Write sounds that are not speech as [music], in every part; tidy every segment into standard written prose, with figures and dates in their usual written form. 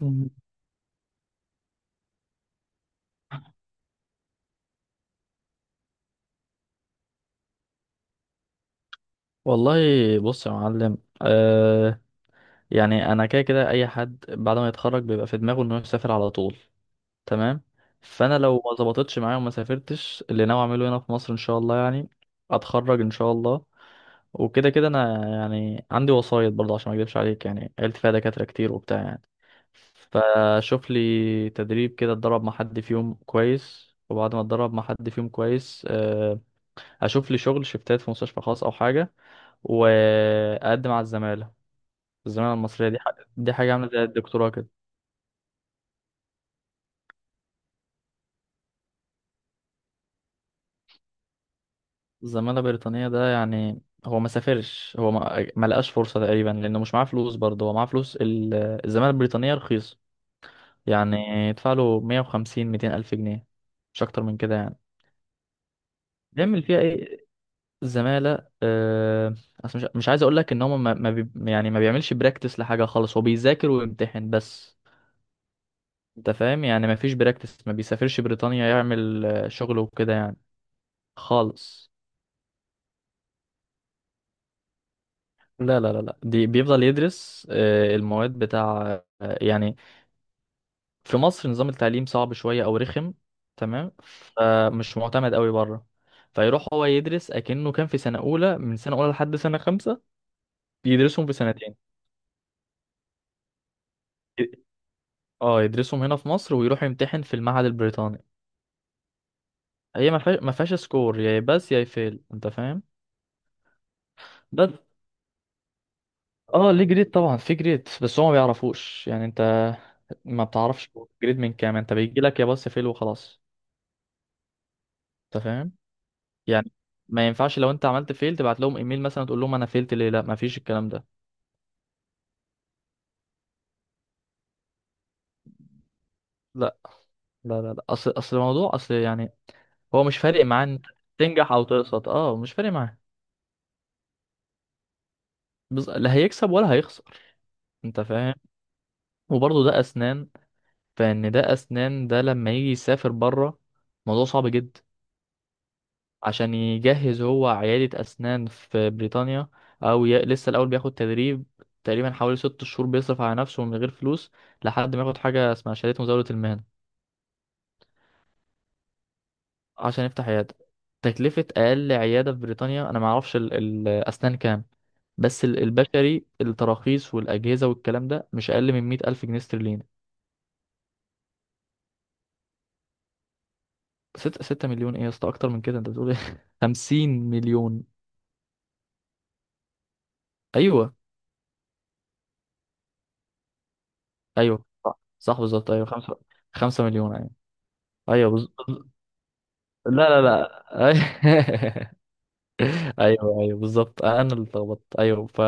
مم. والله بص يا معلم، آه، يعني انا كده كده اي حد بعد ما يتخرج بيبقى في دماغه انه يسافر على طول، تمام. فانا لو ما ظبطتش معايا وما سافرتش اللي ناوي اعمله هنا في مصر ان شاء الله، يعني اتخرج ان شاء الله. وكده كده انا يعني عندي وصاية برضه عشان ما اكدبش عليك، يعني عيلتي فيها دكاترة كتير وبتاع يعني. فشوف لي تدريب كده اتدرب مع حد فيهم كويس، وبعد ما اتدرب مع حد فيهم كويس آه، اشوف لي شغل شفتات في مستشفى خاص او حاجة، واقدم على الزماله. الزماله المصريه دي حاجه عامله زي الدكتوراه كده. الزماله البريطانيه ده، يعني هو ما سافرش، هو ما لقاش فرصه تقريبا لانه مش معاه فلوس، برضه هو معاه فلوس الزماله البريطانيه رخيصه، يعني يدفع له 150 200 الف جنيه، مش اكتر من كده يعني. بيعمل فيها ايه الزماله؟ آه، اصل مش عايز اقول لك ان هو ما ما بي يعني ما بيعملش براكتس لحاجه خالص، هو بيذاكر ويمتحن بس. انت فاهم؟ يعني ما فيش براكتس، ما بيسافرش بريطانيا يعمل آه، شغل وكده يعني خالص. لا لا لا لا، دي بيفضل يدرس آه، المواد بتاع آه، يعني في مصر نظام التعليم صعب شوية أو رخم، تمام. فمش معتمد قوي بره، فيروح هو يدرس أكنه كان في سنة أولى، من سنة أولى لحد سنة خمسة، بيدرسهم في سنتين. ي- اه يدرسهم هنا في مصر ويروح يمتحن في المعهد البريطاني. هي ما فيهاش سكور يا بس يا فيل، انت فاهم. بس اه ليه جريد؟ طبعا في جريد، بس هو ما بيعرفوش، يعني انت ما بتعرفش جريد من كام، انت بيجي لك يا بس فيل وخلاص. انت فاهم، يعني ما ينفعش لو انت عملت فيل تبعت لهم ايميل مثلا تقول لهم انا فيلت ليه، لا ما فيش الكلام ده. لا لا لا لا، اصل الموضوع، اصل يعني هو مش فارق معاه، انت تنجح او تقسط، اه مش فارق معاه. لا هيكسب ولا هيخسر، انت فاهم. وبرضه ده اسنان، فان ده اسنان ده لما يجي يسافر بره موضوع صعب جدا، عشان يجهز هو عيادة اسنان في بريطانيا. لسه الاول بياخد تدريب تقريبا حوالي 6 شهور، بيصرف على نفسه من غير فلوس، لحد ما ياخد حاجة اسمها شهادة مزاولة المهنة، عشان يفتح عيادة. تكلفة أقل عيادة في بريطانيا، أنا معرفش الأسنان كام، بس البشري التراخيص والأجهزة والكلام ده مش أقل من 100 ألف جنيه استرليني. ستة مليون إيه يا اسطى؟ أكتر من كده، أنت بتقول إيه؟ [laughs] 50 مليون. أيوه، أيوه صح صح بالظبط، أيوه، خمسة مليون أيوه. أيوه لا لا لا، [laughs] أيوه أيوه بالظبط، أنا اللي اتلخبطت، أيوه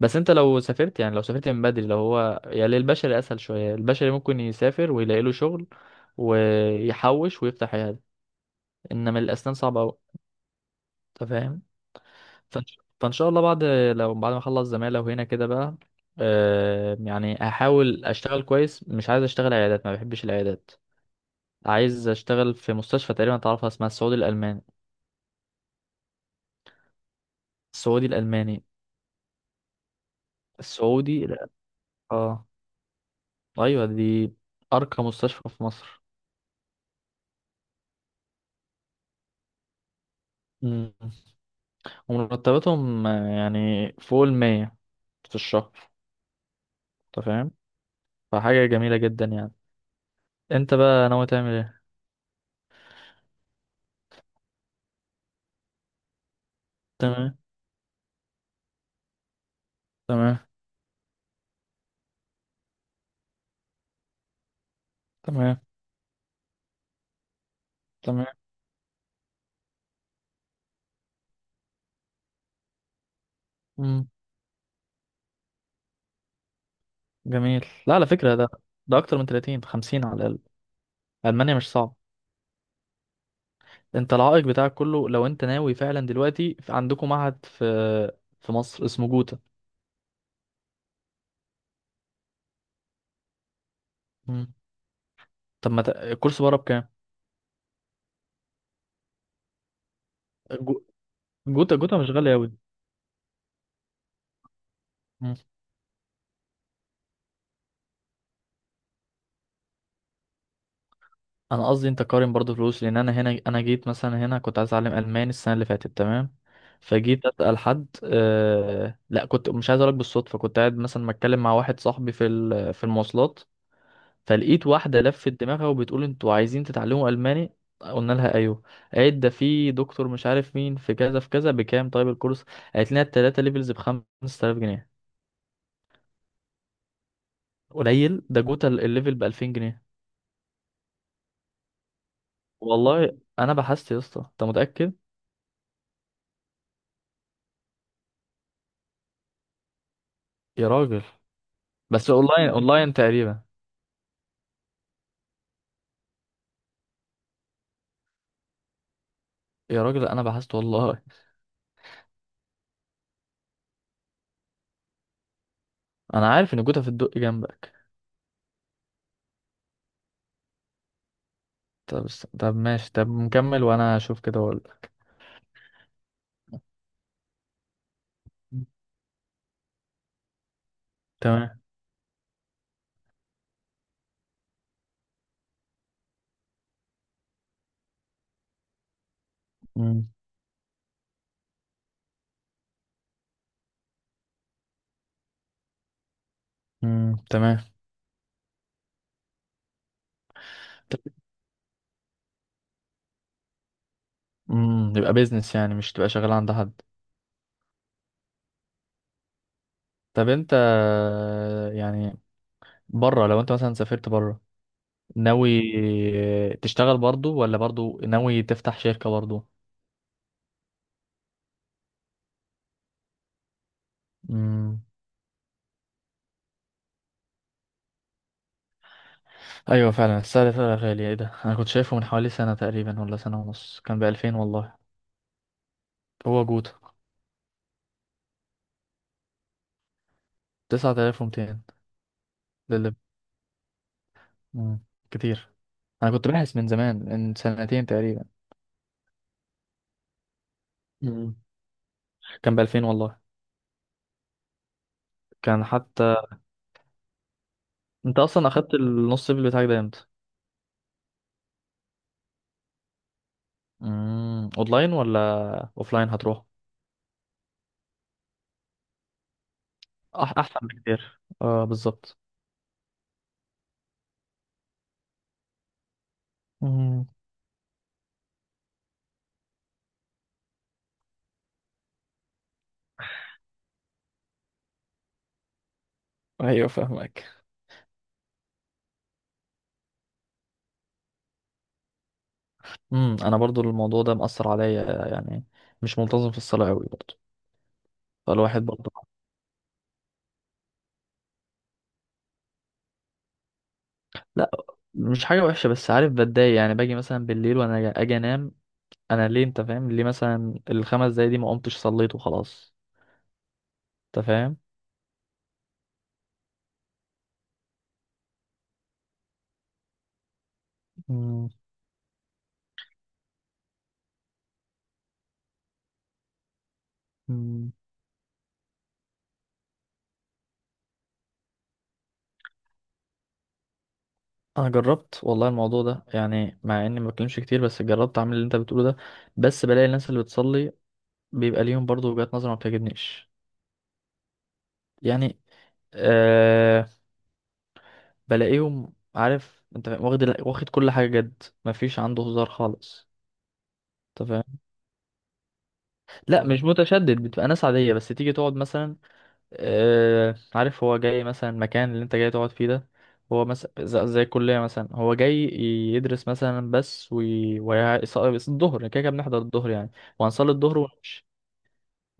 بس انت لو سافرت، يعني لو سافرت من بدري، لو هو يعني البشري اسهل شويه، البشري ممكن يسافر ويلاقي له شغل ويحوش ويفتح عياده، انما الاسنان صعبه قوي، انت فاهم. فإن شاء الله بعد، لو بعد ما اخلص زماله وهنا كده بقى آه، يعني هحاول اشتغل كويس، مش عايز اشتغل عيادات، ما بحبش العيادات، عايز اشتغل في مستشفى تقريبا تعرفها اسمها السعودي الالماني. السعودي الالماني. السعودي، لا. اه ايوه دي ارقى مستشفى في مصر. مم. ومرتباتهم آه، يعني فوق المية في الشهر، انت فاهم، فحاجة جميلة جدا يعني. انت بقى ناوي تعمل ايه؟ تمام. تمام. تمام. تمام. مم. جميل. لا على فكرة ده، ده أكتر من 30 50 على الأقل. ألمانيا مش صعب. انت العائق بتاعك كله، لو انت ناوي فعلا دلوقتي عندكم معهد في مصر اسمه جوتا. مم. طب ما ت- الكورس بره بكام؟ جو- جوتا مش غالي أوي. انا قصدي انت قارن برضو فلوس، لان انا هنا، انا جيت مثلا هنا كنت عايز اتعلم الماني السنه اللي فاتت، تمام. فجيت اسال حد لا، كنت مش عايز اقولك، بالصدفه كنت قاعد مثلا بتكلم مع واحد صاحبي في في المواصلات، فلقيت واحده لفت دماغها وبتقول انتوا عايزين تتعلموا الماني؟ قلنا لها ايوه. قالت ده في دكتور مش عارف مين في كذا في كذا بكام طيب الكورس، قالت لنا التلاته ليفلز ب 5000 جنيه. قليل؟ ده جوتا الليفل ب 2000 جنيه، والله انا بحثت يا اسطى. انت متاكد؟ يا راجل، بس اونلاين اونلاين تقريبا. يا راجل انا بحثت والله. انا عارف ان جوتا في الدق جنبك. طب بس طب ماشي، طب نكمل وانا اشوف كده واقول لك. تمام. مم. مم. تمام. امم، يبقى بيزنس، يعني مش تبقى شغال عند حد. طب انت، يعني بره لو انت مثلا سافرت بره، ناوي تشتغل برضو ولا برضو ناوي تفتح شركة برضو؟ امم. ايوه فعلا، السعر فعلا غالي. ايه ده، انا كنت شايفه من حوالي سنة تقريبا ولا سنة ونص، كان بألفين والله. هو جوتا؟ 9200 للب. مم. كتير. أنا كنت باحث من زمان، من سنتين تقريبا. مم. كان بألفين والله. كان حتى. أنت أصلا أخدت النص صيف بتاعك ده إمتى؟ مم. أونلاين ولا أوفلاين هتروح؟ أحسن بكتير، أه بالظبط. مم. أيوه فاهمك. مم. أنا برضو الموضوع ده مأثر عليا، يعني مش منتظم في الصلاة أوي برضو، فالواحد برضو. لا مش حاجة وحشة، بس عارف بتضايق، يعني باجي مثلا بالليل وأنا أجي أنام، انا ليه؟ انت فاهم ليه؟ مثلا الخمس دقايق دي ما قمتش صليت وخلاص، انت فاهم. مم. مم. انا جربت والله الموضوع ده، يعني مع اني ما بتكلمش كتير بس جربت اعمل اللي انت بتقوله ده، بس بلاقي الناس اللي بتصلي بيبقى ليهم برضو وجهات نظر ما بتعجبنيش، يعني آه بلاقيهم عارف، انت فاهم؟ واخد واخد كل حاجه جد، ما فيش عنده هزار خالص، انت فاهم. لا مش متشدد، بتبقى ناس عاديه بس تيجي تقعد مثلا آه، عارف هو جاي مثلا المكان اللي انت جاي تقعد فيه ده، هو مثلا زي الكلية مثلا، هو جاي يدرس مثلا بس الظهر كده كده بنحضر الظهر يعني، وهنصلي الظهر ونمشي،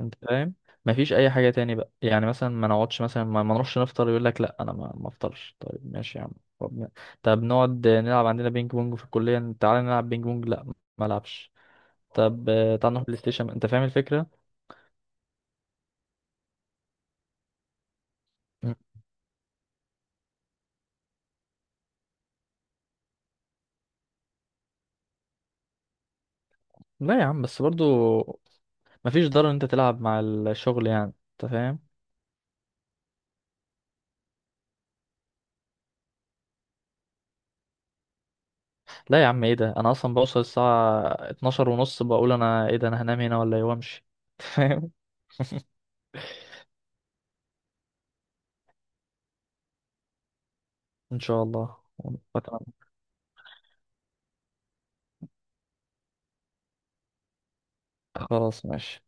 انت فاهم. مفيش اي حاجة تاني بقى، يعني مثلا ما نقعدش، مثلا ما نروحش نفطر، يقول لك لا انا ما افطرش، طيب ماشي يا عم. طب, ن- طب نقعد نلعب عندنا بينج بونج في الكلية، تعالى نلعب بينج بونج، لا ما العبش. طب آه، تعالى نروح بلاي ستيشن، انت فاهم الفكرة. مم. لا يا عم، بس برضو مفيش ضرر ان انت تلعب مع الشغل، يعني انت فاهم. لا يا عم ايه ده، انا اصلا بوصل الساعه 12 ونص، بقول انا ايه ده، انا هنام هنا ولا ايه وامشي، فاهم. ان شاء الله. وأتمنى. خلاص ماشي.